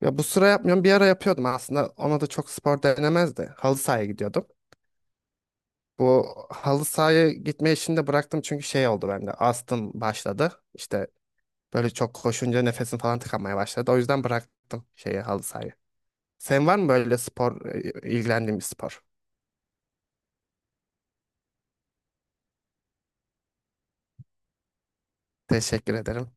Ya bu sıra yapmıyorum. Bir ara yapıyordum aslında. Ona da çok spor denemezdi. Halı sahaya gidiyordum. Bu halı sahaya gitme işini de bıraktım çünkü şey oldu bende. Astım başladı. İşte böyle çok koşunca nefesim falan tıkanmaya başladı. O yüzden bıraktım şeyi halı sahayı. Sen var mı böyle spor, ilgilendiğin bir spor? Teşekkür ederim.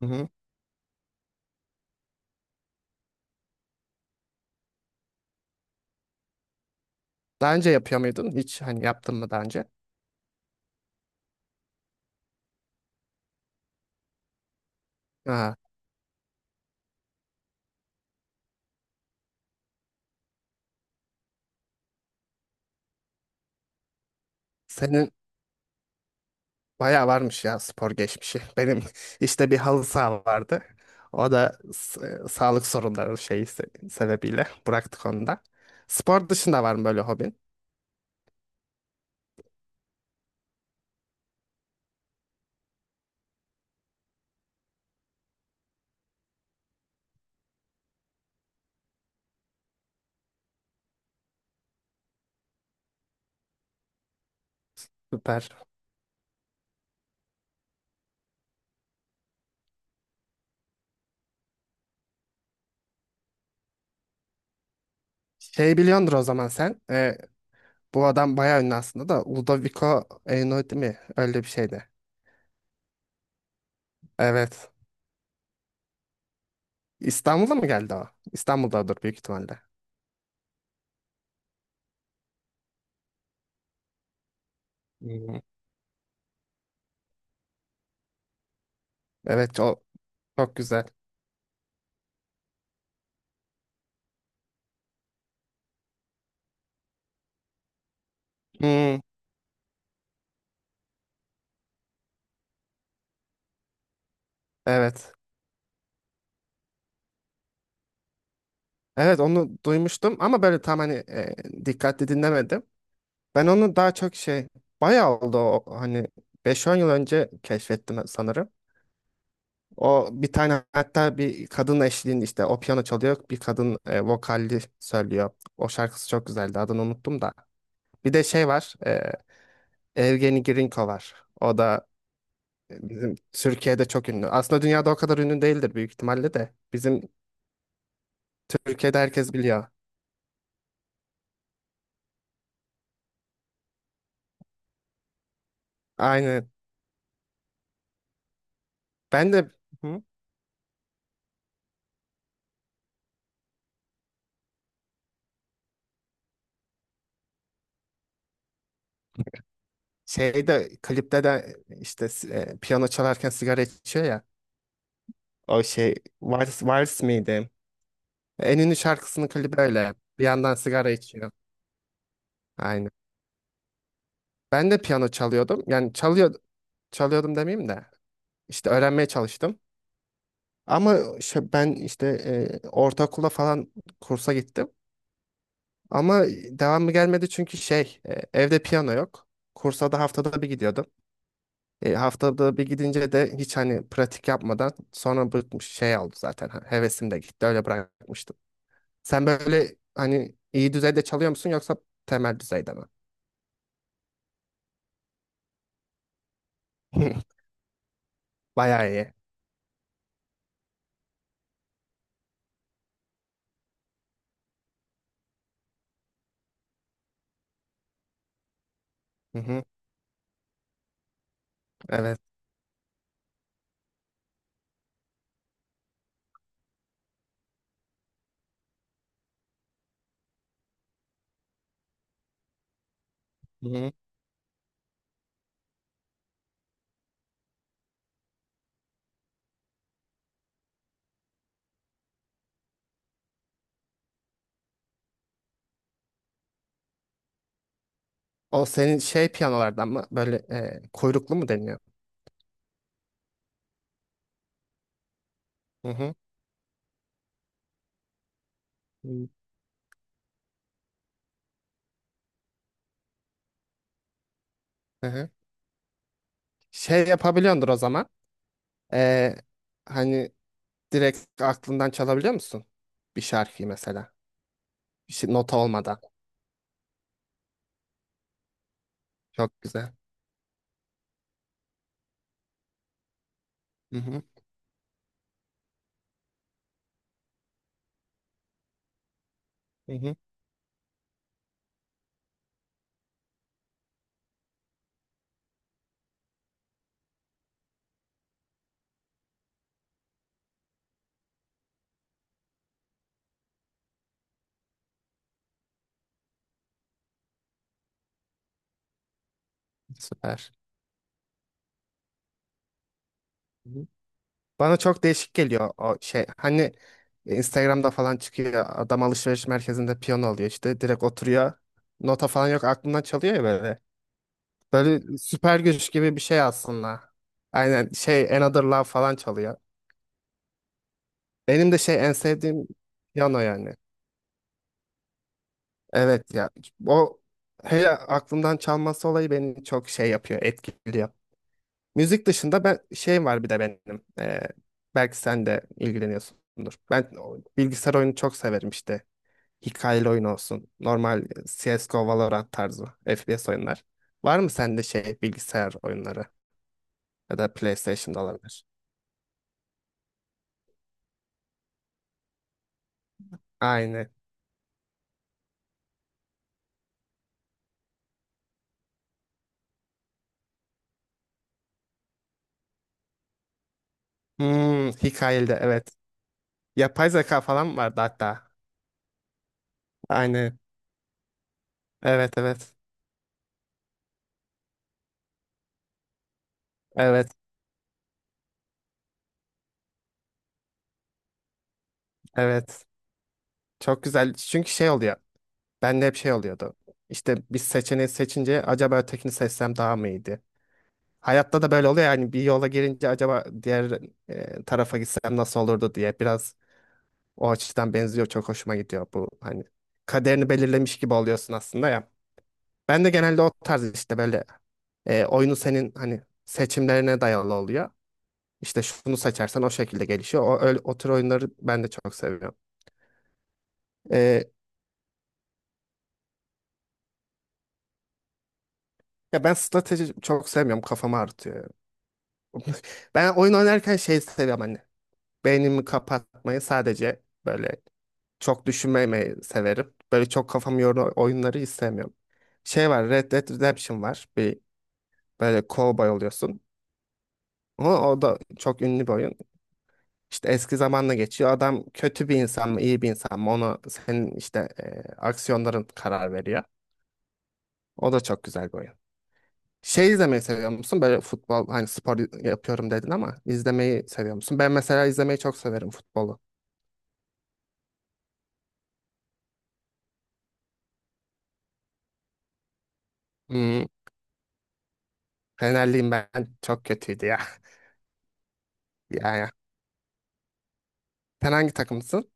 Hı hı. Daha önce yapıyor muydun? Hiç hani yaptın mı daha önce? Aa, senin bayağı varmış ya spor geçmişi. Benim işte bir halı saha vardı. O da sağlık sorunları şeyi sebebiyle bıraktık onu da. Spor dışında var mı böyle hobin? Süper. Şey biliyordur o zaman sen. Bu adam bayağı ünlü aslında da Ludovico Einaudi mi? Öyle bir şeydi. Evet. İstanbul'a mı geldi o? İstanbul'dadır büyük ihtimalle. Hmm. Evet o çok güzel. Hmm, evet. Evet onu duymuştum ama böyle tam hani dikkatli dinlemedim. Ben onu daha çok şey bayağı oldu o, hani beş on yıl önce keşfettim sanırım. O bir tane hatta bir kadın eşliğinde işte o piyano çalıyor bir kadın vokalli söylüyor. O şarkısı çok güzeldi adını unuttum da. Bir de şey var Evgeni Grinko var. O da bizim Türkiye'de çok ünlü. Aslında dünyada o kadar ünlü değildir büyük ihtimalle de. Bizim Türkiye'de herkes biliyor. Aynı Ben de Hı? şeyde klipte de işte piyano çalarken sigara içiyor ya. O şey Vals, Vals miydi? En ünlü şarkısının klibi öyle. Bir yandan sigara içiyor. Aynen. Ben de piyano çalıyordum. Yani çalıyor, çalıyordum demeyeyim de. İşte öğrenmeye çalıştım. Ama ben işte ortaokula falan kursa gittim. Ama devamı gelmedi çünkü şey evde piyano yok. Kursa da haftada bir gidiyordum. Haftada bir gidince de hiç hani pratik yapmadan sonra bıkmış şey oldu zaten. Ha, Hevesim de gitti öyle bırakmıştım. Sen böyle hani iyi düzeyde çalıyor musun yoksa temel düzeyde mi? Bayağı iyi. Hı hı. Evet. Hı hı. O senin şey piyanolardan mı böyle kuyruklu mu deniyor? Hı hı. Hı hı. Şey yapabiliyordur o zaman. E, hani Direkt aklından çalabiliyor musun? Bir şarkıyı mesela. Nota olmadan. Çok güzel. Hı hı. Hı hı. Süper. Hı hı. Bana çok değişik geliyor o şey. Hani Instagram'da falan çıkıyor. Adam alışveriş merkezinde piyano alıyor işte. Direkt oturuyor. Nota falan yok. Aklından çalıyor ya böyle. Böyle süper güç gibi bir şey aslında. Aynen şey Another Love falan çalıyor. Benim de şey en sevdiğim piyano yani. Evet ya o hele aklımdan çalması olayı beni çok şey yapıyor etkiliyor. Müzik dışında ben şey var bir de benim belki sen de ilgileniyorsundur. Ben o bilgisayar oyunu çok severim işte hikayeli oyun olsun normal CSGO Valorant tarzı FPS oyunlar. Var mı sende şey bilgisayar oyunları ya da PlayStation'da olabilir? Aynı. Hmm, hikayeli de evet. Yapay zeka falan vardı hatta. Aynı. Evet evet. Evet evet. Çok güzel. Çünkü şey oluyor. Bende hep şey oluyordu. İşte bir seçeneği seçince acaba ötekini seçsem daha mı iyiydi? Hayatta da böyle oluyor yani bir yola girince acaba diğer tarafa gitsem nasıl olurdu diye biraz o açıdan benziyor. Çok hoşuma gidiyor bu hani kaderini belirlemiş gibi oluyorsun aslında ya. Ben de genelde o tarz işte böyle oyunu senin hani seçimlerine dayalı oluyor. İşte şunu seçersen o şekilde gelişiyor. O, öyle, o tür oyunları ben de çok seviyorum. E, ya ben strateji çok sevmiyorum. Kafamı ağrıtıyor. Ben oyun oynarken şey seviyorum hani. Beynimi kapatmayı sadece böyle çok düşünmemeyi severim. Böyle çok kafamı yoran oyunları istemiyorum. Şey var Red Dead Redemption var. Bir böyle cowboy oluyorsun. Ama o da çok ünlü bir oyun. İşte eski zamanla geçiyor. Adam kötü bir insan mı iyi bir insan mı onu senin işte aksiyonların karar veriyor. O da çok güzel bir oyun. Şey izlemeyi seviyor musun? Böyle futbol hani spor yapıyorum dedin ama izlemeyi seviyor musun? Ben mesela izlemeyi çok severim futbolu. Hmm, Fenerliyim ben. Çok kötüydü ya. Ya ya. Sen hangi takımsın?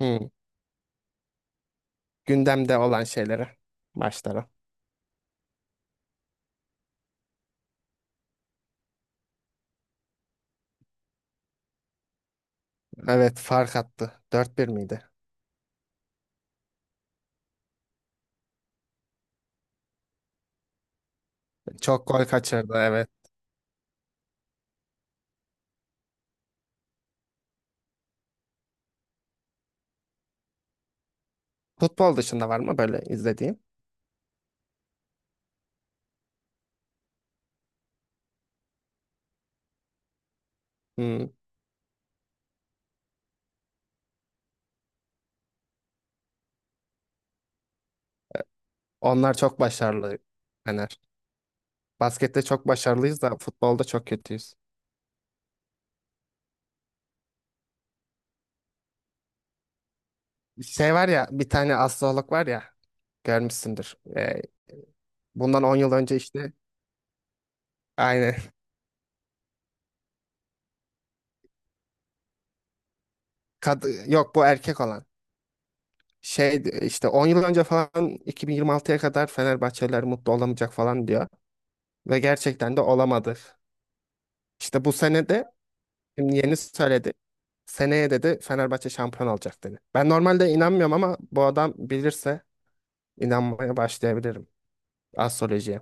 Hmm, Gündemde olan şeyleri. Maçları. Evet fark attı. 4-1 miydi? Çok gol kaçırdı evet. Futbol dışında var mı böyle izlediğin? Hmm, Onlar çok başarılı Fener. Baskette çok başarılıyız da futbolda çok kötüyüz. Şey var ya bir tane astrolog var ya görmüşsündür. Bundan 10 yıl önce işte aynı. Yok, bu erkek olan. Şey işte 10 yıl önce falan 2026'ya kadar Fenerbahçeliler mutlu olamayacak falan diyor. Ve gerçekten de olamadı. İşte bu sene de şimdi yeni söyledi. Seneye dedi Fenerbahçe şampiyon olacak dedi. Ben normalde inanmıyorum ama bu adam bilirse inanmaya başlayabilirim. Astrolojiye.